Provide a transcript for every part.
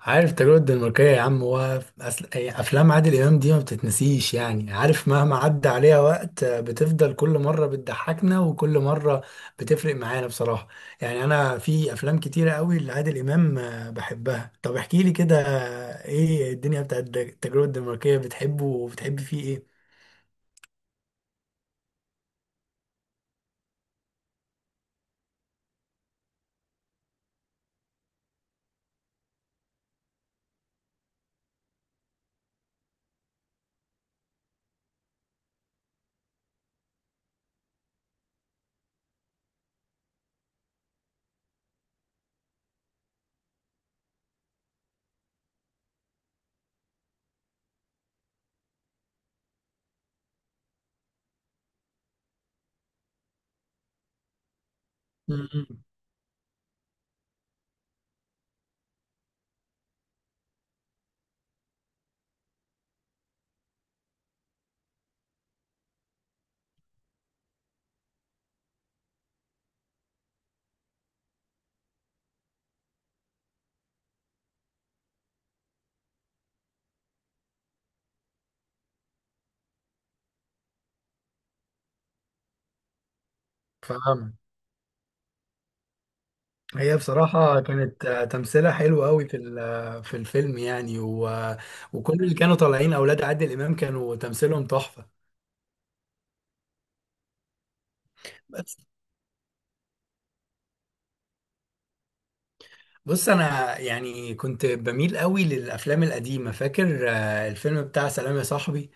عارف التجربة الدنماركية يا عم. أي أفلام عادل إمام دي ما بتتنسيش، يعني عارف، مهما عدى عليها وقت بتفضل كل مرة بتضحكنا وكل مرة بتفرق معانا بصراحة. يعني أنا في أفلام كتيرة قوي لعادل إمام بحبها. طب احكي لي كده، إيه الدنيا بتاعت التجربة الدنماركية؟ بتحبه وبتحب فيه إيه؟ مم. فاهم. هي بصراحة كانت تمثيلها حلو قوي في ال- آه، في الفيلم يعني. وكل اللي كانوا طالعين أولاد عادل إمام كانوا تمثيلهم تحفة. بس. بص، انا يعني كنت بميل قوي للافلام القديمه، فاكر الفيلم بتاع سلام يا صاحبي.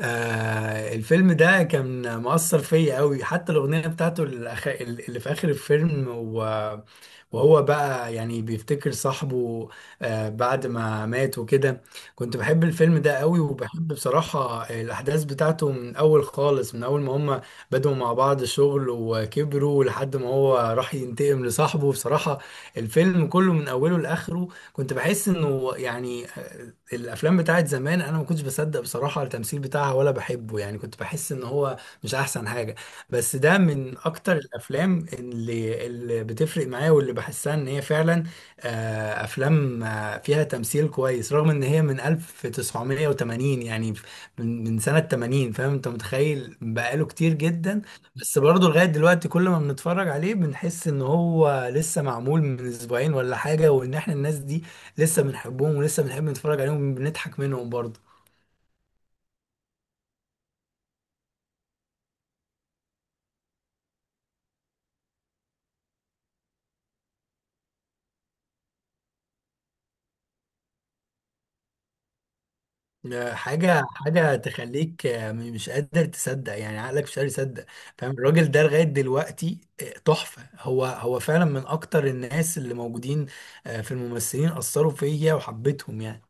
الفيلم ده كان مؤثر فيا قوي، حتى الأغنية بتاعته اللي في آخر الفيلم، وهو بقى يعني بيفتكر صاحبه بعد ما مات وكده. كنت بحب الفيلم ده قوي وبحب بصراحة الأحداث بتاعته، من أول خالص من أول ما هما بدأوا مع بعض شغل وكبروا لحد ما هو راح ينتقم لصاحبه بصراحة. الفيلم كله من أوله لآخره كنت بحس انه يعني الافلام بتاعت زمان انا ما كنتش بصدق بصراحه التمثيل بتاعها ولا بحبه، يعني كنت بحس ان هو مش احسن حاجه. بس ده من اكتر الافلام اللي بتفرق معايا، واللي بحسها ان هي فعلا افلام فيها تمثيل كويس رغم ان هي من 1980 يعني، من سنه 80، فاهم انت متخيل بقاله كتير جدا. بس برضه لغاية دلوقتي كل ما بنتفرج عليه بنحس ان هو لسه معمول من اسبوعين ولا حاجة، وان احنا الناس دي لسه بنحبهم ولسه بنحب نتفرج عليهم، بنضحك منهم برضه. حاجة تخليك مش قادر تصدق، يعني عقلك مش قادر يصدق. فاهم، الراجل ده لغاية دلوقتي تحفة. هو فعلا من أكتر الناس اللي موجودين في الممثلين، أثروا فيا وحبيتهم يعني.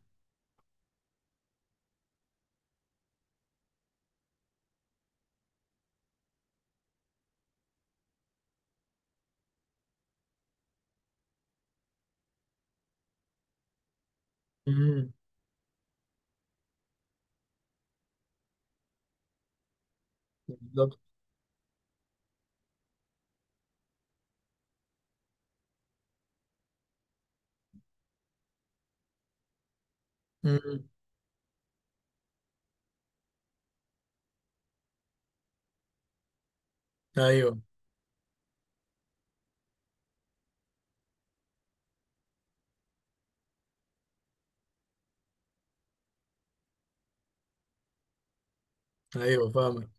امم. بالظبط. امم. أيوه. أيوه، فاهمك.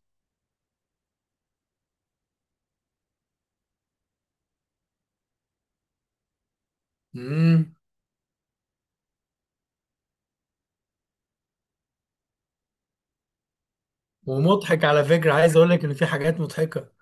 امم. ومضحك على فكرة، عايز أقول لك إن في حاجات مضحكة.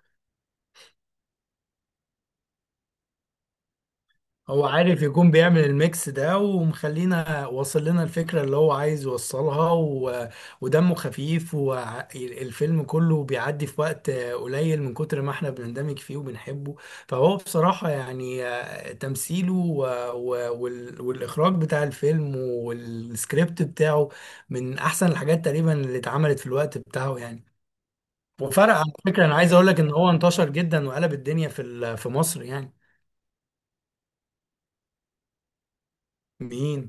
هو عارف يكون بيعمل الميكس ده ومخلينا واصل لنا الفكرة اللي هو عايز يوصلها. ودمه خفيف والفيلم كله بيعدي في وقت قليل من كتر ما احنا بنندمج فيه وبنحبه. فهو بصراحة يعني تمثيله و... والإخراج بتاع الفيلم والسكريبت بتاعه من أحسن الحاجات تقريبا اللي اتعملت في الوقت بتاعه يعني. وفرق على فكرة، أنا عايز أقول لك إن هو انتشر جدا وقلب الدنيا في مصر يعني. مين؟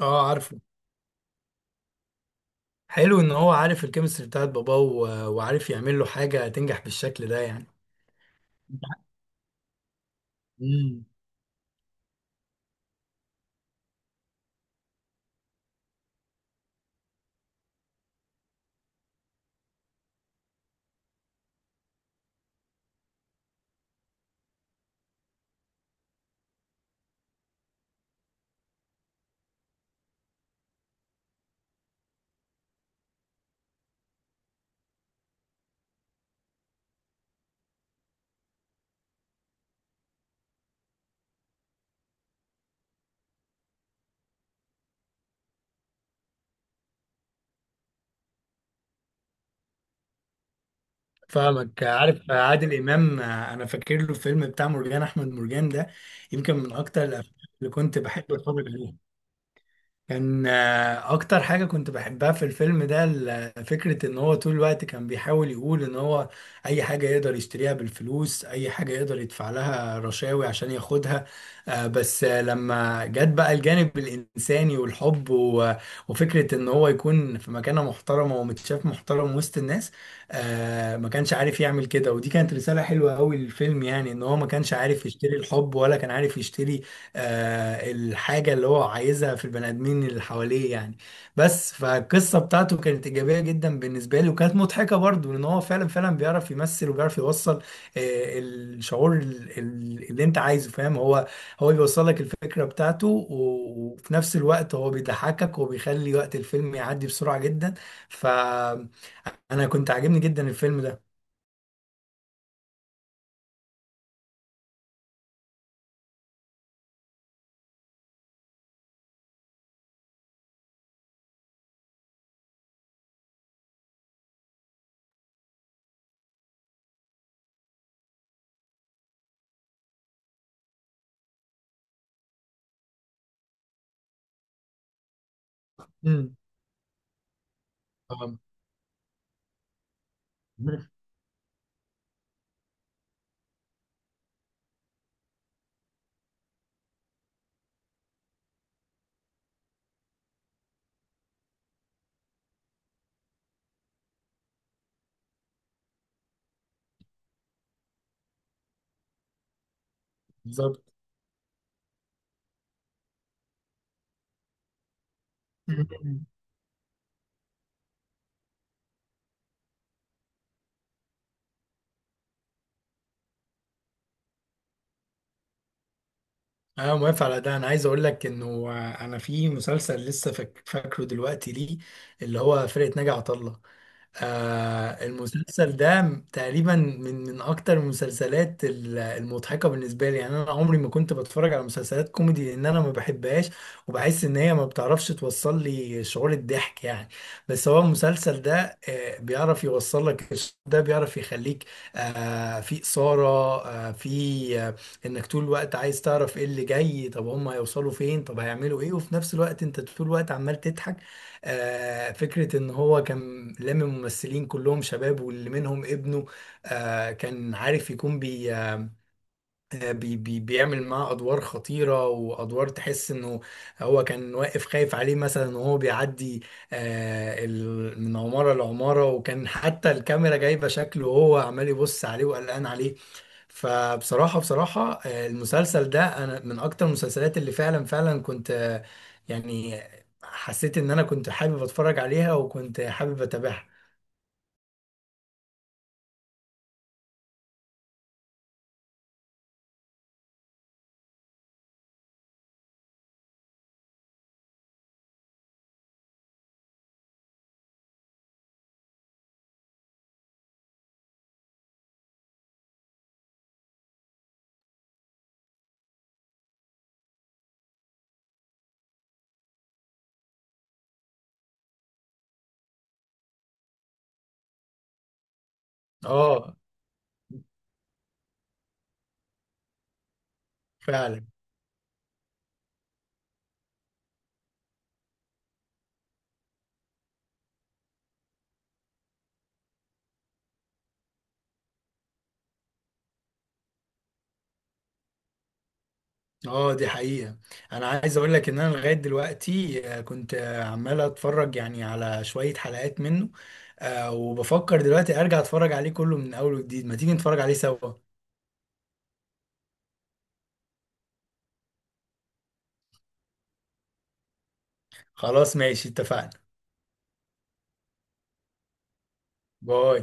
اه، عارفه. حلو ان هو عارف الكيمستري بتاعت باباه وعارف يعمل له حاجه تنجح بالشكل ده يعني. مم. فاهمك، عارف. عادل امام انا فاكر له الفيلم بتاع مرجان احمد مرجان ده، يمكن من اكتر الافلام اللي كنت بحب اتفرج عليها. كان اكتر حاجة كنت بحبها في الفيلم ده فكرة ان هو طول الوقت كان بيحاول يقول ان هو اي حاجة يقدر يشتريها بالفلوس، اي حاجة يقدر يدفع لها رشاوي عشان ياخدها. بس لما جت بقى الجانب الانساني والحب، وفكرة ان هو يكون في مكانة محترمة ومتشاف محترم وسط الناس، ما كانش عارف يعمل كده. ودي كانت رسالة حلوة قوي للفيلم، يعني ان هو ما كانش عارف يشتري الحب ولا كان عارف يشتري الحاجة اللي هو عايزها في البني آدمين اللي حواليه يعني. بس فالقصة بتاعته كانت إيجابية جدا بالنسبة لي وكانت مضحكة برضو، لأن هو فعلا فعلا بيعرف يمثل وبيعرف يوصل الشعور اللي أنت عايزه. فاهم، هو بيوصل لك الفكرة بتاعته، وفي نفس الوقت هو بيضحكك وبيخلي وقت الفيلم يعدي بسرعة جدا. فأنا كنت عاجبني جدا الفيلم ده. امم. آه، بالظبط. انا موافق على ده، انا عايز اقول لك انه انا في مسلسل لسه فاكره دلوقتي ليه، اللي هو فرقة ناجي عطا الله. المسلسل ده تقريبا من اكتر المسلسلات المضحكه بالنسبه لي يعني. انا عمري ما كنت بتفرج على مسلسلات كوميدي لان انا ما بحبهاش، وبحس ان هي ما بتعرفش توصل لي شعور الضحك يعني. بس هو المسلسل ده بيعرف يوصل لك ده بيعرف يخليك في اثاره، في انك طول الوقت عايز تعرف ايه اللي جاي، طب هم هيوصلوا فين، طب هيعملوا ايه، وفي نفس الوقت انت طول الوقت عمال تضحك. فكرة إن هو كان لامم ممثلين كلهم شباب واللي منهم ابنه، كان عارف يكون بي آه، بي بي بيعمل معاه أدوار خطيرة وأدوار تحس إنه هو كان واقف خايف عليه مثلا وهو بيعدي من عمارة لعمارة، وكان حتى الكاميرا جايبة شكله وهو عمال يبص عليه وقلقان عليه. فبصراحة بصراحة المسلسل ده أنا من أكتر المسلسلات اللي فعلا فعلا كنت يعني حسيت إن أنا كنت حابب أتفرج عليها وكنت حابب أتابعها. آه، فعلا. آه، دي حقيقة. أنا عايز أقول لك إن أنا لغاية دلوقتي كنت عمال أتفرج يعني على شوية حلقات منه، وبفكر دلوقتي أرجع أتفرج عليه كله من أول وجديد ما تيجي نتفرج عليه سوا. خلاص، ماشي، اتفقنا. باي.